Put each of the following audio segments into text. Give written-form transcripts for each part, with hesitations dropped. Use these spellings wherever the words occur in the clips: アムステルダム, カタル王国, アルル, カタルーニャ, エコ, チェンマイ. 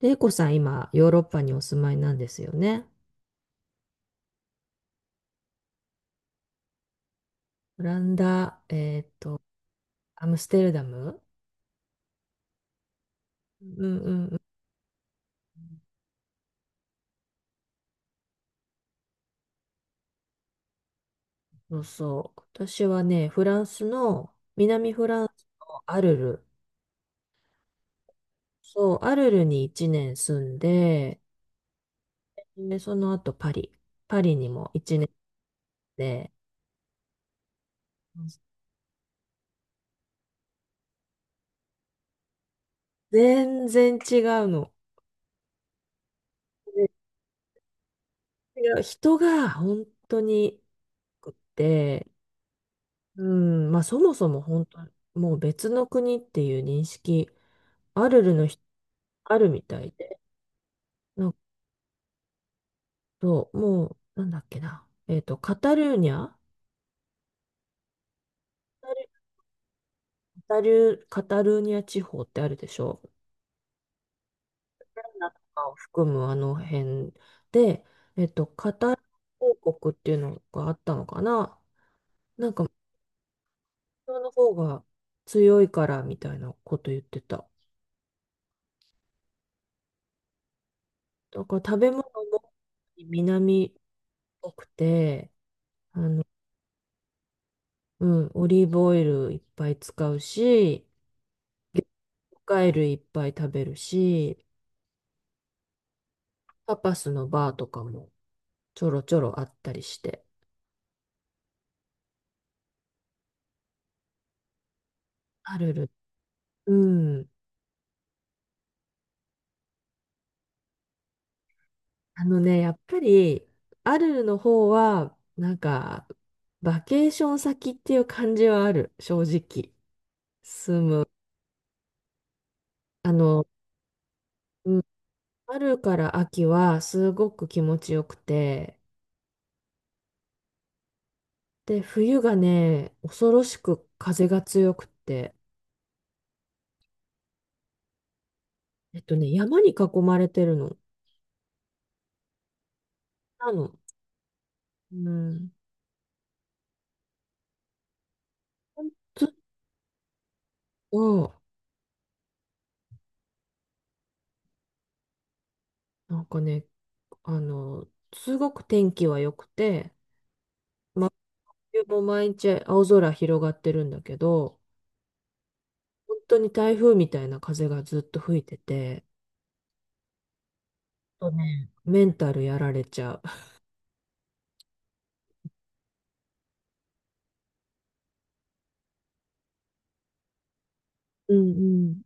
で、エコさん、今、ヨーロッパにお住まいなんですよね。オランダ、アムステルダム。うんうんうん。そうそう。私はね、フランスの、南フランスのアルル。そう、アルルに1年住んで、で、その後パリ。パリにも1年で、全然違うの。で違う人が本当に良くって、うん、まあそもそも本当、もう別の国っていう認識アルルの人、あるみたいで。なんかそう、もう、なんだっけな。カタルーニャ。カカタルーニャ地方ってあるでしょ。ナとかを含むあの辺で、カタル王国っていうのがあったのかな。その方が強いからみたいなこと言ってた。だから食べ物も南っぽくて、うん、オリーブオイルいっぱい使うし、魚介類いっぱい食べるし、タパスのバーとかもちょろちょろあったりして。アルル、うん。やっぱり、アルルの方は、なんか、バケーション先っていう感じはある、正直。住む。あの、うん、春から秋はすごく気持ちよくて、で、冬がね、恐ろしく風が強くて、山に囲まれてるの。なの。うん。ず、うん。なんかね、あの、すごく天気は良くて、真冬も毎日青空広がってるんだけど、本当に台風みたいな風がずっと吹いてて、ちょっとね、メンタルやられちゃう。うん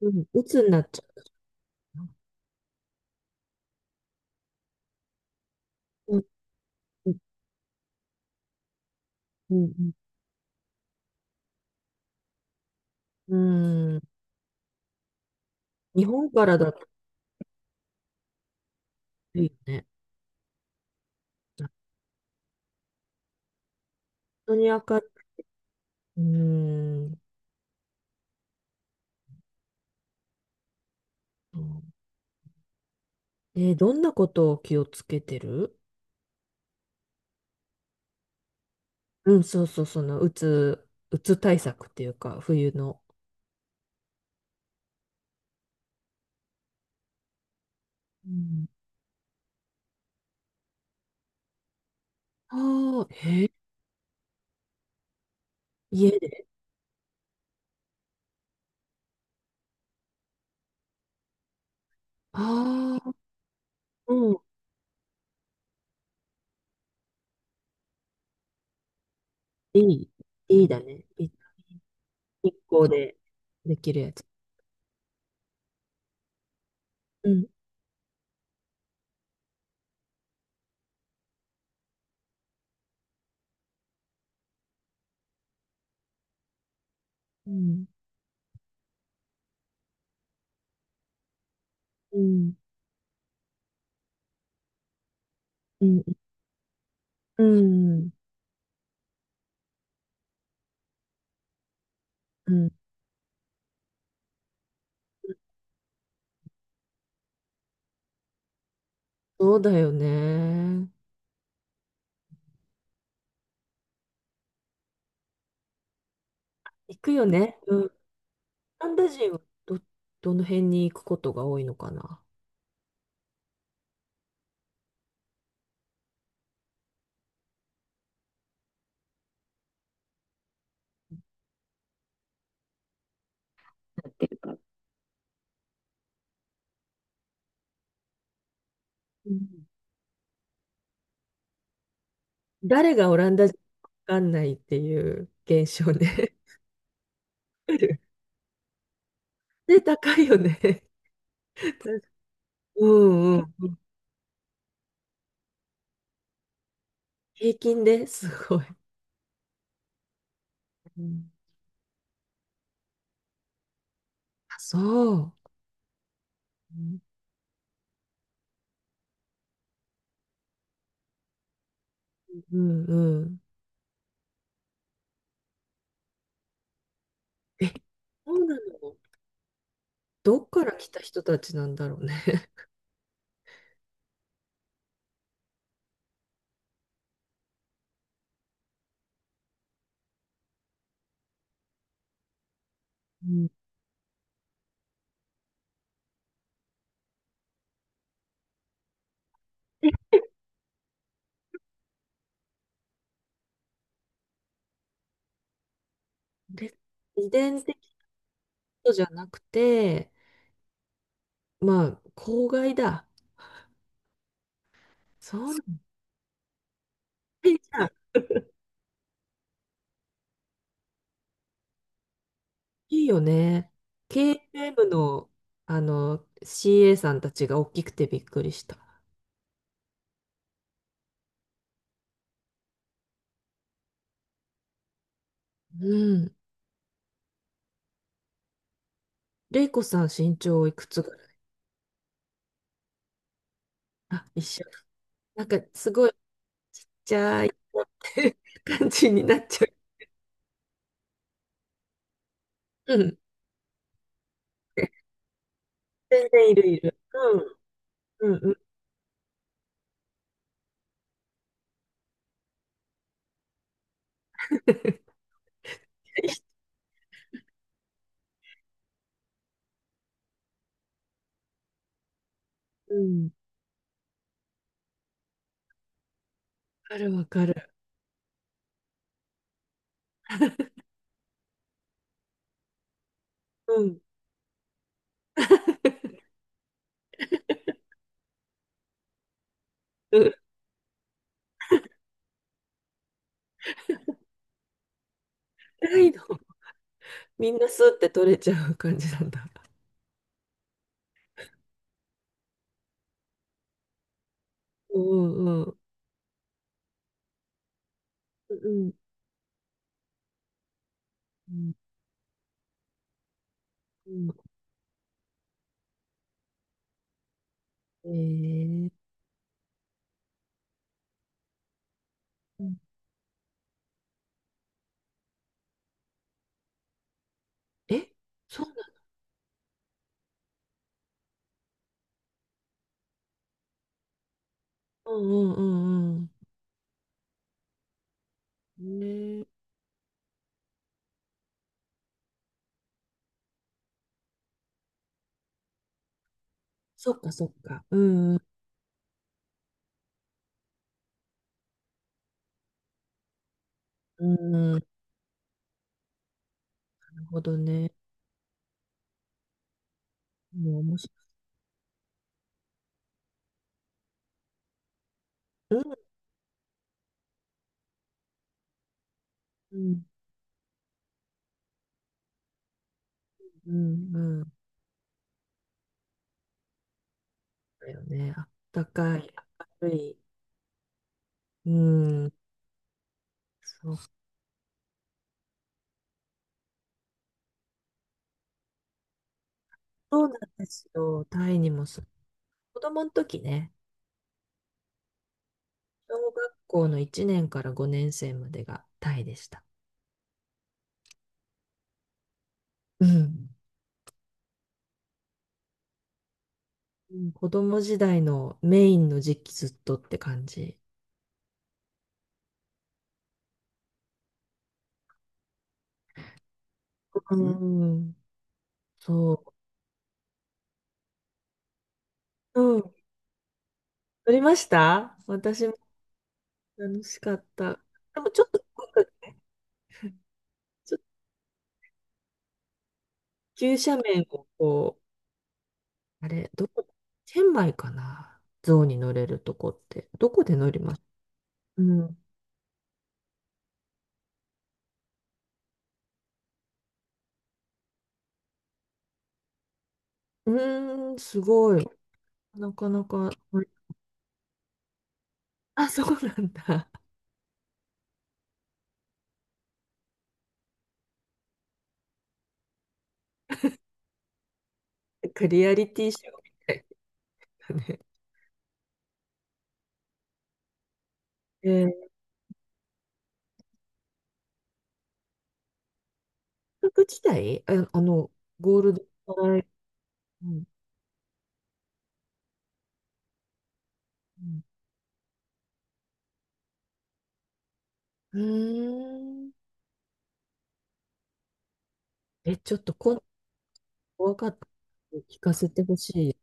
うん。うん、鬱になっちゃう。うんうんうん。うん。日本からだといいよね。本当に明るい。うん。え、どんなことを気をつけてる？うん、そうそう、その、うつ対策っていうか、冬の。うん。ああ、へえ、家で。ああ、うん。いい。いいだね。い、日光でできるやつ。うん。うん。うん。うん。うん。うん。そうだよね。行くよね。うん。カナダ人はど、どの辺に行くことが多いのかな。やってるか。うん。誰がオランダ人かわかんないっていう現象ね。で、高いよね。うんうん。平均ですごい。うんそう。うんうん。そうなの。どっから来た人たちなんだろうね。うん。で、遺伝的とじゃなくて、まあ、公害だ。そうなんだ。え、じゃあいいよね。KLM の、CA さんたちが大きくてびっくりした。うん。レイコさん身長いくつぐらい？あ、一緒。なんか、すごい、じゃあ、いって感じになっちゃう。うん。全然いるいる。うん。うんうん。うん。わかるわかる。うん。うん。辛いの。みんなスって取れちゃう感じなんだ。うんうんうん。うんうんうんうん。えー、うん、え、そうなの？うんうんうんうん。ねえ、そっかそっか。うんうんうんうん。なるほどね。もう面白い。うんうんうんうん。だよね。あったかい、明るい。うん。そう、そうなんですよ。タイにもそう。子供の時ね。小学校の1年から5年生までがタイでした。うん。うん、子供時代のメインの時期ずっとって感じ。うん。そう。うん。撮りました私も。楽しかった。でもちょっと、なんかちょっと急斜面をこう、あれ、どこ、チェンマイかな、象に乗れるとこって。どこで乗ります？うん。うーん、すごい。なかなか、あ、そうなんだ。なんかリアリティショーみたいだね。えー、大学時代、ゴールド働いて、うんうん、うーん。え、ちょっと今度怖かったので聞かせてほし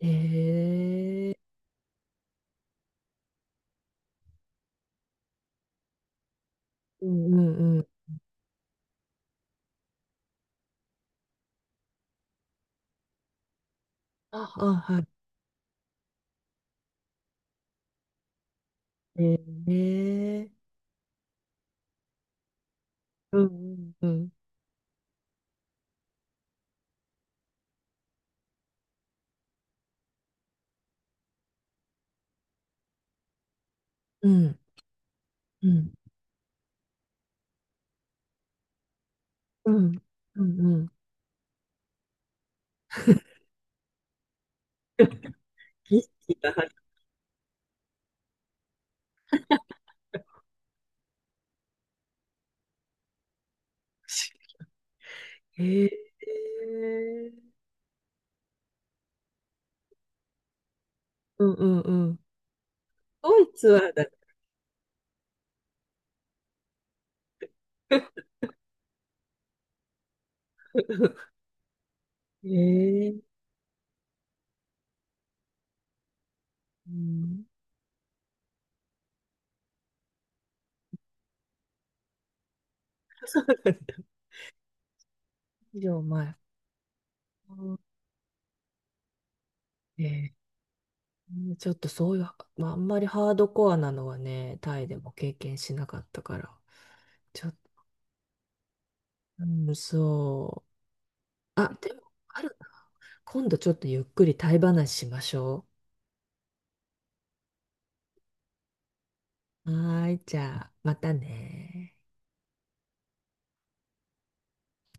い。えー、うんうんうん。あ、あ、はい。えー、えー、うんうんうん。うんうんうんうんうん。意識が入ってほしい。えー、うんうんうん。ドイツはだ。えー、うん。そうなんだ、以上前。えー、うんちょっとそういう、まあ、あんまりハードコアなのはね、タイでも経験しなかったから。ちょっと、うん、そう。あ、でも、ある、今度ちょっとゆっくりタイ話しましょう。はーい、じゃあ、またね。